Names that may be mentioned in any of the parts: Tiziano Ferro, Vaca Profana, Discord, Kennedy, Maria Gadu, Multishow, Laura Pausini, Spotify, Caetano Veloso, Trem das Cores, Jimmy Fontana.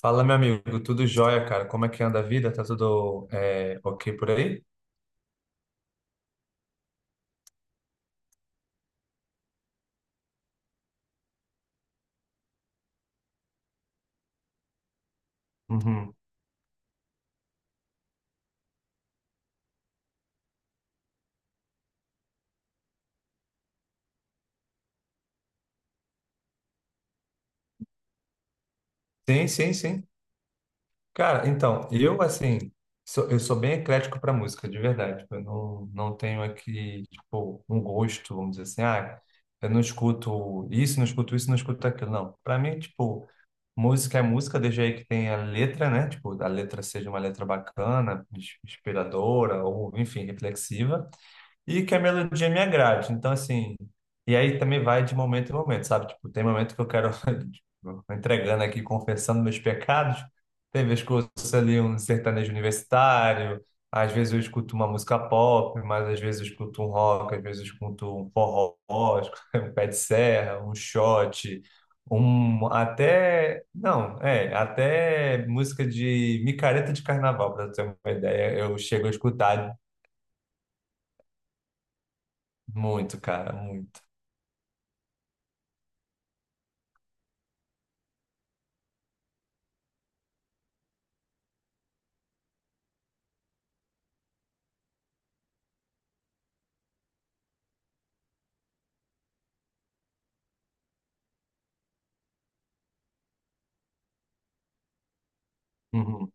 Fala, meu amigo, tudo jóia, cara? Como é que anda a vida? Tá tudo ok por aí? Uhum. Sim, sim, sim. Cara, então, eu, assim, eu sou bem eclético para música, de verdade. Eu não tenho aqui, tipo, um gosto, vamos dizer assim, ah, eu não escuto isso, não escuto isso, não escuto aquilo. Não, para mim, tipo, música é música, desde aí que tem a letra, né? Tipo, a letra seja uma letra bacana, inspiradora, ou, enfim, reflexiva. E que a melodia me agrade. Então, assim, e aí também vai de momento em momento, sabe? Tipo, tem momento que eu quero, tipo, entregando aqui, confessando meus pecados. Tem vezes que eu ouço ali um sertanejo universitário, às vezes eu escuto uma música pop, mas às vezes eu escuto um rock, às vezes eu escuto um forró, um pé de serra, um shot, um até, não, até música de micareta de carnaval, para ter uma ideia, eu chego a escutar muito, cara, muito. Uhum.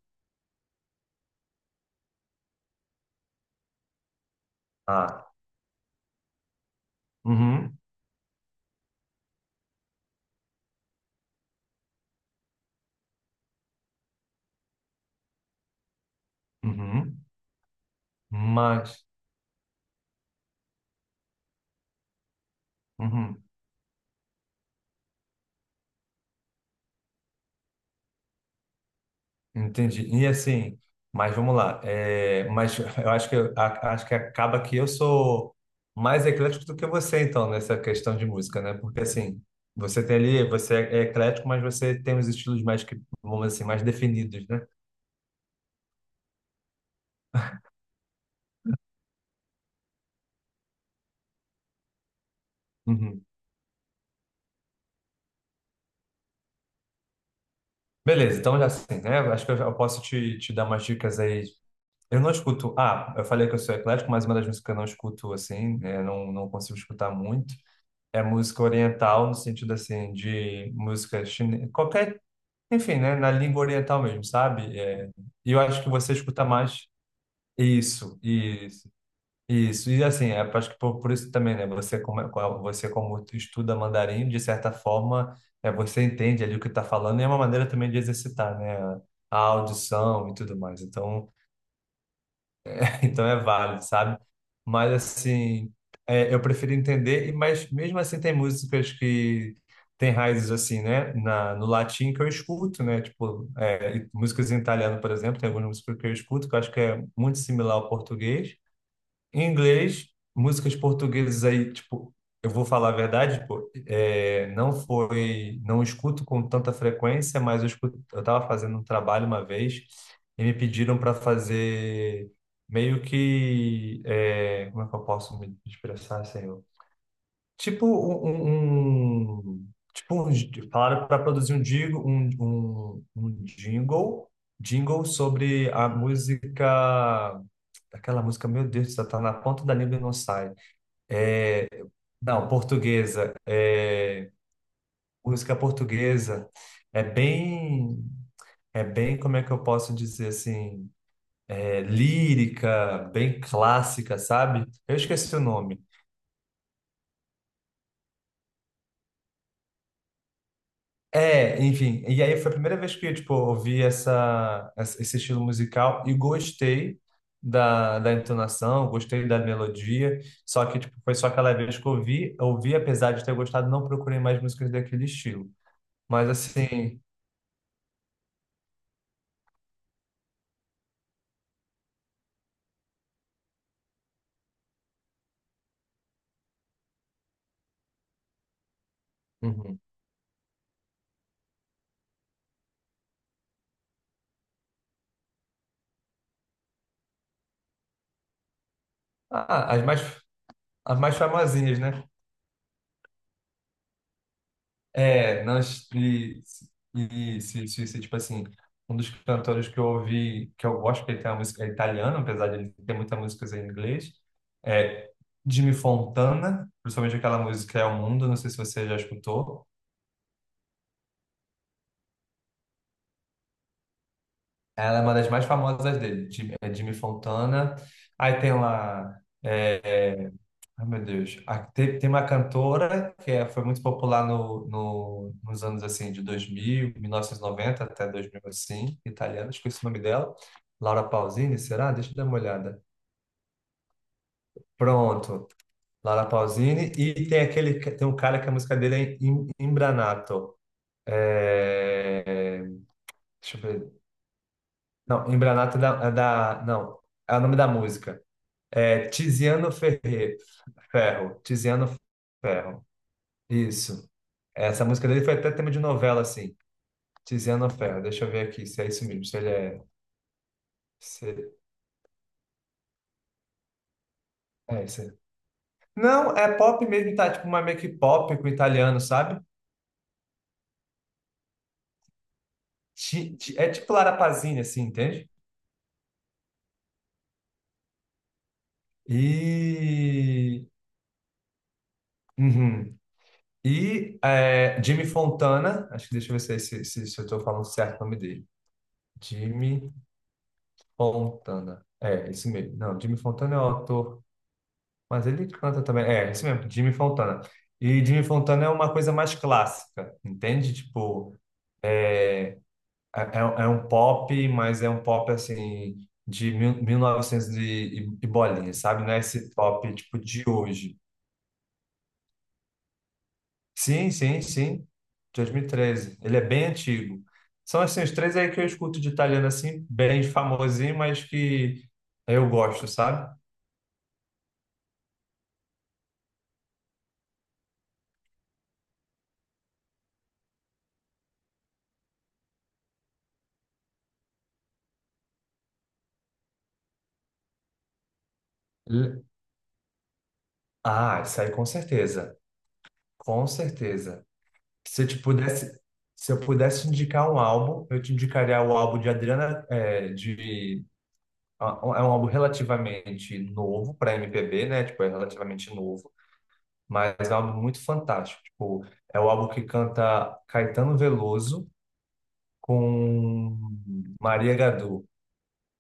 Ah, uhum, uhum, mas, uhum, entendi. E assim, mas vamos lá. Mas eu acho que acho que acaba que eu sou mais eclético do que você, então, nessa questão de música, né? Porque assim, você tem ali, você é eclético, mas você tem os estilos mais que, vamos dizer assim, mais definidos, né? Uhum. Beleza, então já assim, né? Acho que eu posso te dar umas dicas aí. Eu não escuto. Ah, eu falei que eu sou eclético, mas uma das músicas que eu não escuto assim, né? Não consigo escutar muito. É música oriental, no sentido assim, de música chinesa, qualquer, enfim, né, na língua oriental mesmo, sabe? E eu acho que você escuta mais. Isso, isso, isso. E assim, acho que por isso também, né, você como estuda mandarim, de certa forma, você entende ali o que está falando e é uma maneira também de exercitar, né, a audição e tudo mais. Então, então é válido, sabe? Mas assim, eu prefiro entender, mas mesmo assim tem músicas que têm raízes assim, né? No latim que eu escuto, né? Tipo, e músicas em italiano, por exemplo, tem algumas músicas que eu escuto que eu acho que é muito similar ao português em inglês. Músicas portuguesas aí, tipo, eu vou falar a verdade, pô, não foi, não escuto com tanta frequência, mas eu escuto. Eu estava fazendo um trabalho uma vez e me pediram para fazer meio que, como é que eu posso me expressar, senhor? Falaram para produzir um jingle, um jingle, jingle sobre a música. Aquela música, meu Deus, do céu, tá na ponta da língua e não sai. É, não, portuguesa. Música portuguesa é bem, é bem, como é que eu posso dizer assim, lírica, bem clássica, sabe? Eu esqueci o nome. Enfim, e aí foi a primeira vez que, tipo, ouvi esse estilo musical e gostei da entonação, gostei da melodia. Só que, tipo, foi só aquela vez que eu ouvi, ouvi, apesar de ter gostado, não procurei mais músicas daquele estilo. Mas, assim, uhum. Ah, as mais famosinhas, né? É, nós e, e se, tipo assim, um dos cantores que eu ouvi, que eu gosto, que ele tem uma música italiana, apesar de ele ter muita música em inglês, é Jimmy Fontana, principalmente aquela música É o Mundo, não sei se você já escutou. Ela é uma das mais famosas dele, Jimmy, é Jimmy Fontana. Aí tem lá é, ai, meu Deus. Ah, tem uma cantora que é, foi muito popular nos anos assim de dois mil mil novecentos e noventa até 2000 assim, italiana, esqueci o nome dela. Laura Pausini, será? Deixa eu dar uma olhada. Pronto, Laura Pausini. E tem um cara que a música dele é Imbranato. É, deixa eu ver. Não, Imbranato não, é o nome da música. É Tiziano Ferro. Tiziano Ferro. Isso. Essa música dele foi até tema de novela, assim. Tiziano Ferro. Deixa eu ver aqui se é isso mesmo. Se ele é. Se... É isso aí. Não, é pop mesmo, tá? Tipo uma meio que pop com italiano, sabe? É tipo Lara Pazzini, assim, entende? E. Uhum. E Jimmy Fontana. Acho que deixa eu ver se, é esse- se eu tô falando certo o nome dele. Jimmy Fontana. É, isso mesmo. Não, Jimmy Fontana é o autor. Mas ele canta também. É, isso mesmo, Jimmy Fontana. E Jimmy Fontana é uma coisa mais clássica, entende? Tipo, é, é um pop, mas é um pop assim de 1900 e bolinha, sabe? Não é esse pop tipo de hoje. Sim, sim, sim. De 2013. Ele é bem antigo. São assim, os três aí que eu escuto de italiano assim, bem famosinho, mas que eu gosto, sabe? L- Ah, isso aí com certeza. Com certeza. Se eu te pudesse, se eu pudesse indicar um álbum, eu te indicaria o álbum de Adriana, é um álbum relativamente novo para MPB, né? Tipo, é relativamente novo, mas é um álbum muito fantástico. Tipo, é o álbum que canta Caetano Veloso com Maria Gadu.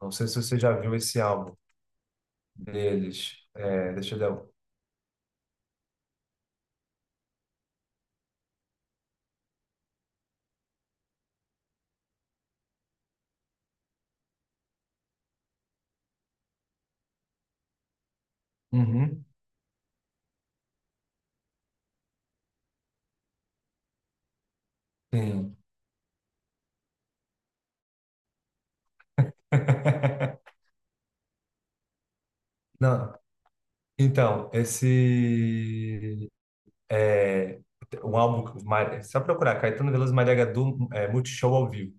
Não sei se você já viu esse álbum deles. É, deixa eu dar. Uhum, sim. Não. Então, esse é um álbum. Só procurar Caetano Veloso e Maria Gadu é, Multishow ao vivo.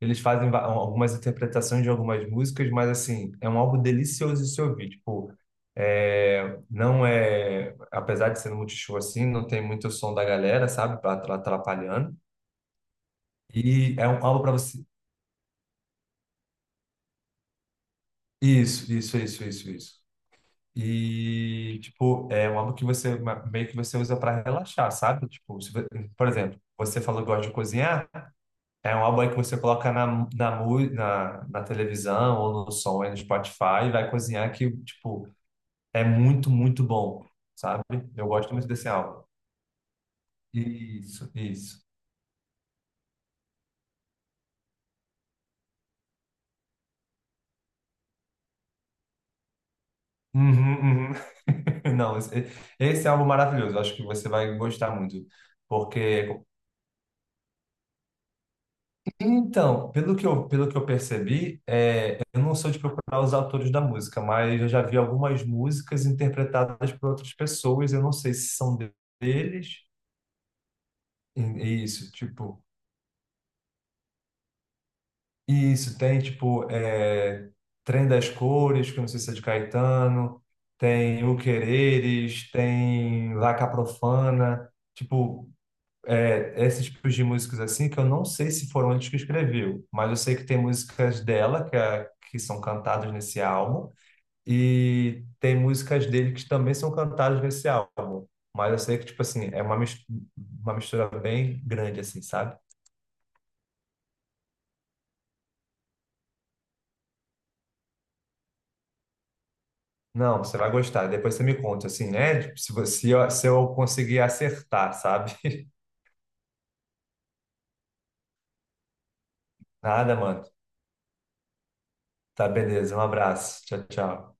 Eles fazem algumas interpretações de algumas músicas, mas assim, é um álbum delicioso de se ouvir. Tipo, não é. Apesar de ser no Multishow assim, não tem muito som da galera, sabe? Atrapalhando. E é um álbum para você. Isso, isso, isso, isso, isso. E, tipo, é um álbum que você meio que você usa para relaxar, sabe? Tipo, se vo- por exemplo, você falou que gosta de cozinhar. É um álbum aí que você coloca na televisão ou no som aí no Spotify e vai cozinhar que, tipo, é muito, muito bom, sabe? Eu gosto muito desse álbum. Isso, isso. Uhum, uhum. Não, esse é um álbum maravilhoso. Eu acho que você vai gostar muito. Porque, então, pelo que eu percebi, eu não sou de procurar os autores da música, mas eu já vi algumas músicas interpretadas por outras pessoas. Eu não sei se são deles. Isso, tipo, isso tem tipo Trem das Cores, que eu não sei se é de Caetano, tem O tem Vaca Profana. Tipo, é, esses tipos de músicas assim que eu não sei se foram eles que escreveu, mas eu sei que tem músicas dela que são cantadas nesse álbum e tem músicas dele que também são cantadas nesse álbum. Mas eu sei que, tipo assim, é uma mistura bem grande, assim, sabe? Não, você vai gostar. Depois você me conta, assim, né? Tipo, se eu conseguir acertar, sabe? Nada, mano. Tá, beleza. Um abraço. Tchau, tchau.